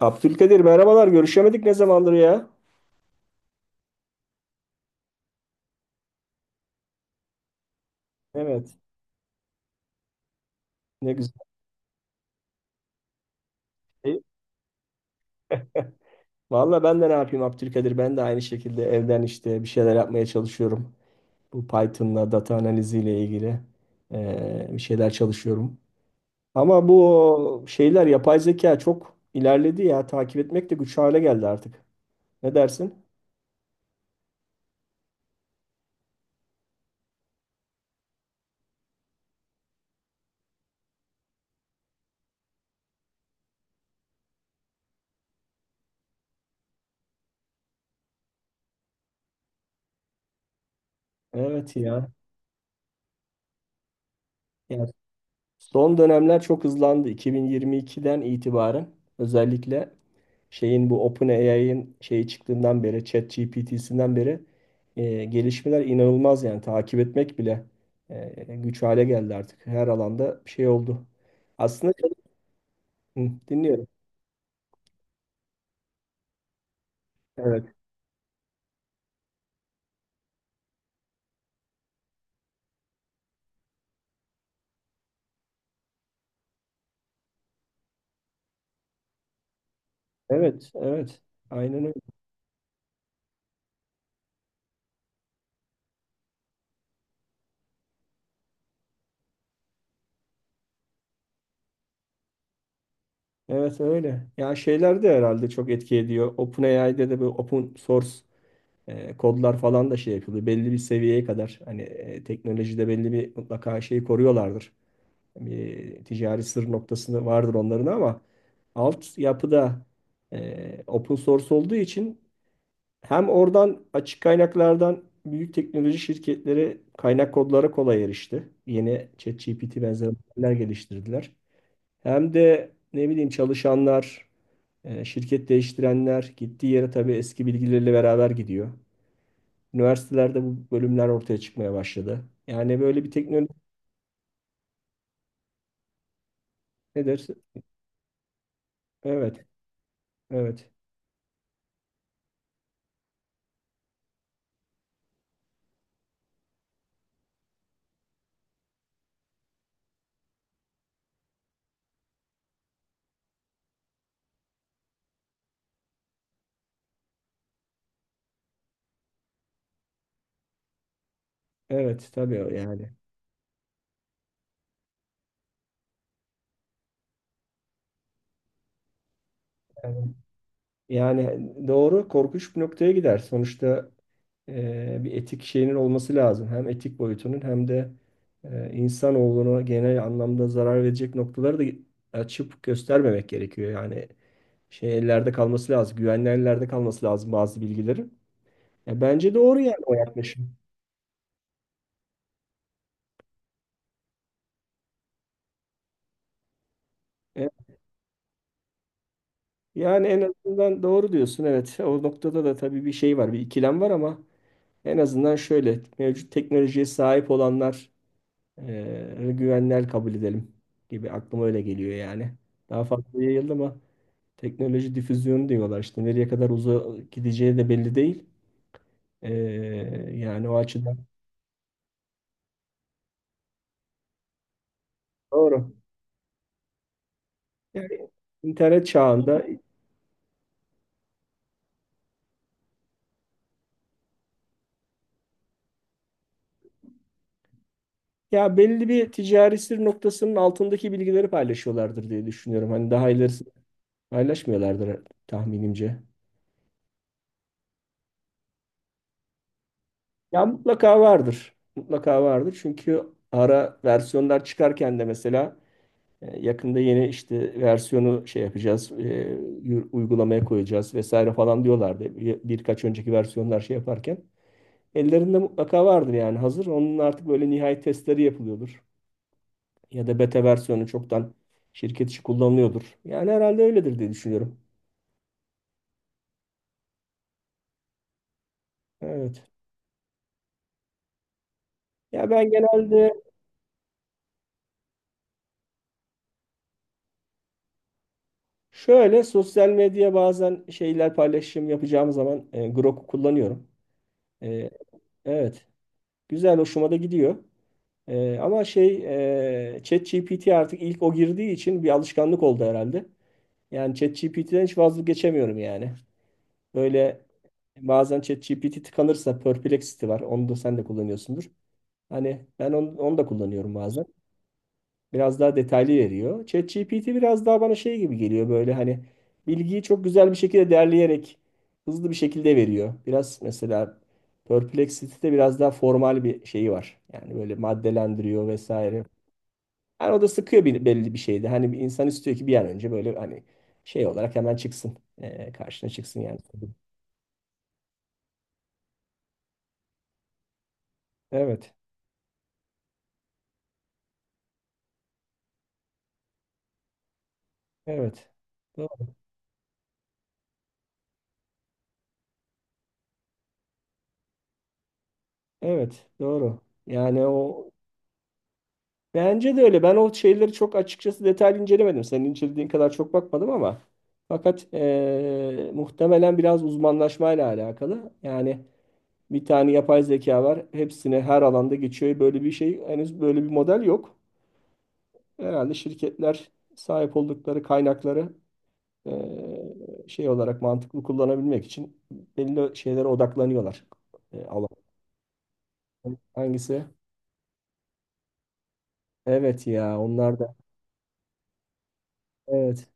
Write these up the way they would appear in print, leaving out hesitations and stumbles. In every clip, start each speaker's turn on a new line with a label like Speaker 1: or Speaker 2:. Speaker 1: Abdülkadir merhabalar. Görüşemedik ne zamandır ya? Evet. Ne güzel. Valla ben de ne yapayım Abdülkadir? Ben de aynı şekilde evden işte bir şeyler yapmaya çalışıyorum. Bu Python'la data analiziyle ilgili bir şeyler çalışıyorum. Ama bu şeyler yapay zeka çok ilerledi ya. Takip etmek de güç hale geldi artık. Ne dersin? Evet ya. Yani son dönemler çok hızlandı. 2022'den itibaren özellikle şeyin bu OpenAI'ın şeyi çıktığından beri ChatGPT'sinden beri gelişmeler inanılmaz yani takip etmek bile güç hale geldi artık. Her alanda bir şey oldu. Aslında şey, hı, dinliyorum. Evet. Evet, evet. Aynen öyle. Evet öyle. Ya şeyler de herhalde çok etki ediyor. OpenAI'de de bu open source kodlar falan da şey yapılıyor. Belli bir seviyeye kadar hani teknolojide belli bir mutlaka şeyi koruyorlardır. Bir ticari sır noktasında vardır onların ama alt yapıda open source olduğu için hem oradan açık kaynaklardan büyük teknoloji şirketleri kaynak kodlara kolay erişti. Yeni ChatGPT benzeri modeller geliştirdiler. Hem de ne bileyim çalışanlar, şirket değiştirenler gittiği yere tabii eski bilgileriyle beraber gidiyor. Üniversitelerde bu bölümler ortaya çıkmaya başladı. Yani böyle bir teknoloji nedir? Evet, evet. Evet tabii yani. Yani yani doğru korkunç bir noktaya gider. Sonuçta bir etik şeyinin olması lazım. Hem etik boyutunun hem de insanoğluna genel anlamda zarar verecek noktaları da açıp göstermemek gerekiyor. Yani şey ellerde kalması lazım. Güvenli ellerde kalması lazım bazı bilgilerin. Ya bence doğru yani o yaklaşım. E, Yani en azından doğru diyorsun, evet. O noktada da tabii bir şey var, bir ikilem var ama en azından şöyle mevcut teknolojiye sahip olanlar güvenler kabul edelim gibi aklıma öyle geliyor yani. Daha fazla yayıldı ama teknoloji difüzyonu diyorlar işte nereye kadar uzağa gideceği de belli değil. Ee, yani o açıdan doğru. Yani internet çağında ya belli bir ticari sır noktasının altındaki bilgileri paylaşıyorlardır diye düşünüyorum. Hani daha ilerisi paylaşmıyorlardır tahminimce. Ya mutlaka vardır. Mutlaka vardır. Çünkü ara versiyonlar çıkarken de mesela yakında yeni işte versiyonu şey yapacağız, uygulamaya koyacağız vesaire falan diyorlardı. Birkaç önceki versiyonlar şey yaparken. Ellerinde mutlaka vardır yani hazır. Onun artık böyle nihai testleri yapılıyordur. Ya da beta versiyonu çoktan şirket içi kullanılıyordur. Yani herhalde öyledir diye düşünüyorum. Evet. Ya ben genelde şöyle sosyal medya bazen şeyler paylaşım yapacağım zaman Grok'u kullanıyorum. E, evet. Güzel hoşuma da gidiyor. Ama şey ChatGPT artık ilk o girdiği için bir alışkanlık oldu herhalde. Yani ChatGPT'den hiç vazgeçemiyorum yani. Böyle bazen ChatGPT tıkanırsa Perplexity var. Onu da sen de kullanıyorsundur. Hani ben onu da kullanıyorum bazen. Biraz daha detaylı veriyor. ChatGPT biraz daha bana şey gibi geliyor böyle hani bilgiyi çok güzel bir şekilde derleyerek hızlı bir şekilde veriyor. Biraz mesela Perplexity'de biraz daha formal bir şeyi var. Yani böyle maddelendiriyor vesaire. Yani o da sıkıyor bir, belli bir şeydi. Hani bir insan istiyor ki bir an önce böyle hani şey olarak hemen çıksın. Karşına çıksın yani. Evet. Evet. Doğru. Evet. Doğru. Yani o bence de öyle. Ben o şeyleri çok açıkçası detaylı incelemedim. Senin incelediğin kadar çok bakmadım ama fakat muhtemelen biraz uzmanlaşmayla alakalı. Yani bir tane yapay zeka var. Hepsine her alanda geçiyor. Böyle bir şey henüz böyle bir model yok. Herhalde şirketler sahip oldukları kaynakları eee, şey olarak mantıklı kullanabilmek için belli şeylere odaklanıyorlar. Alan. Hangisi? Evet ya onlar da. Evet.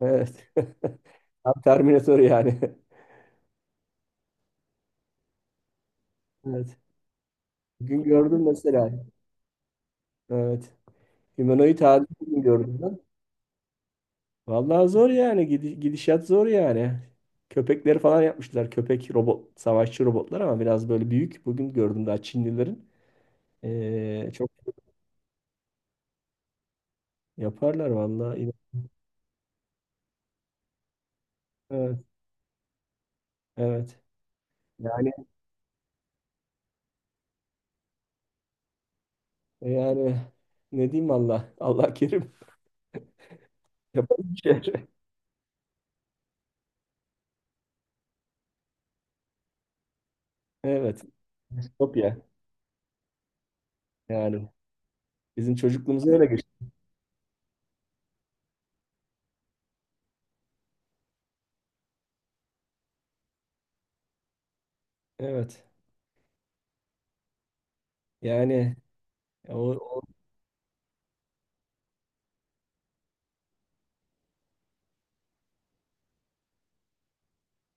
Speaker 1: Evet. Tam Terminator yani. Evet. Bugün gördüm mesela. Evet. Humanoid halini bugün gördüm ben. Vallahi zor yani. Gidişat zor yani. Köpekleri falan yapmışlar. Köpek robot, savaşçı robotlar ama biraz böyle büyük. Bugün gördüm daha Çinlilerin. Çok yaparlar vallahi. Evet. Evet. Yani e yani ne diyeyim Allah? Allah kerim. Yapalım bir şey. Evet. Distopya. Yani bizim çocukluğumuz öyle geçti. Evet. Yani o, o-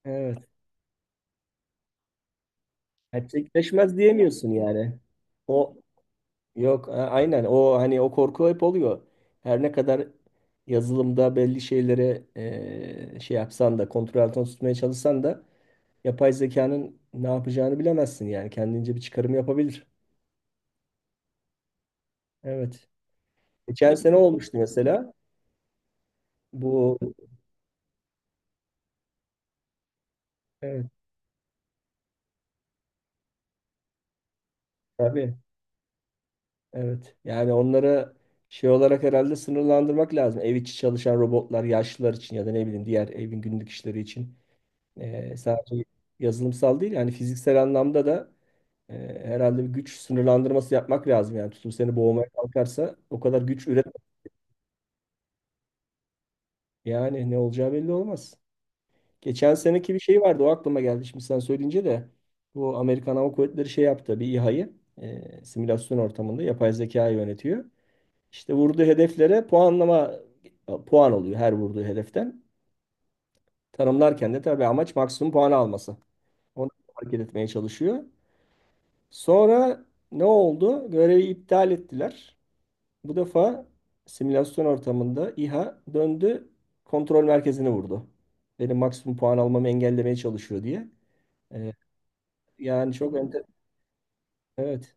Speaker 1: evet. Gerçekleşmez diyemiyorsun yani. O yok a- aynen o hani o korku hep oluyor. Her ne kadar yazılımda belli şeylere şey yapsan da kontrol altına tutmaya çalışsan da yapay zekanın ne yapacağını bilemezsin yani kendince bir çıkarım yapabilir. Evet. Geçen sene olmuştu mesela. Bu evet, tabii. Evet. Yani onlara şey olarak herhalde sınırlandırmak lazım. Ev içi çalışan robotlar yaşlılar için ya da ne bileyim diğer evin günlük işleri için. Sadece yazılımsal değil yani fiziksel anlamda da e, herhalde bir güç sınırlandırması yapmak lazım. Yani tutup seni boğmaya kalkarsa o kadar güç üret yani ne olacağı belli olmaz. Geçen seneki bir şey vardı o aklıma geldi şimdi sen söyleyince de bu Amerikan Hava Kuvvetleri şey yaptı bir İHA'yı simülasyon ortamında yapay zekayı yönetiyor. İşte vurduğu hedeflere puanlama puan oluyor her vurduğu hedeften. Tanımlarken de tabii amaç maksimum puan alması. Onu hareket etmeye çalışıyor. Sonra ne oldu? Görevi iptal ettiler. Bu defa simülasyon ortamında İHA döndü kontrol merkezini vurdu. Benim maksimum puan almamı engellemeye çalışıyor diye. Ee, yani çok enter- evet,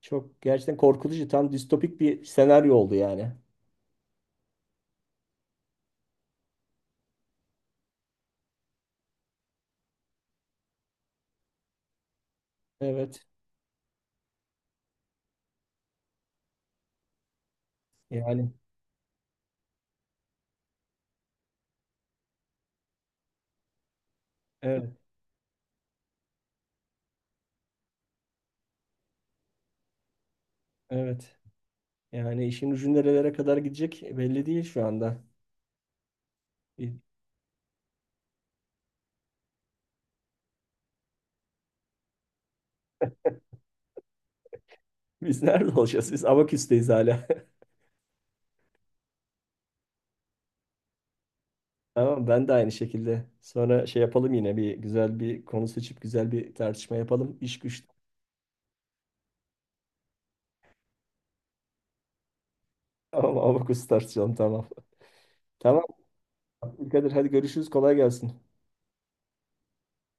Speaker 1: çok gerçekten korkutucu tam distopik bir senaryo oldu yani. Evet yani evet, evet. Yani işin ucu nerelere kadar gidecek belli değil şu anda. Bi- Biz nerede olacağız? Biz Abaküs'teyiz hala. Ama ben de aynı şekilde. Sonra şey yapalım yine bir güzel bir konu seçip güzel bir tartışma yapalım. İş güç. Tamam Abaküs tartışalım tamam. Tamam. Kadir hadi görüşürüz. Kolay gelsin.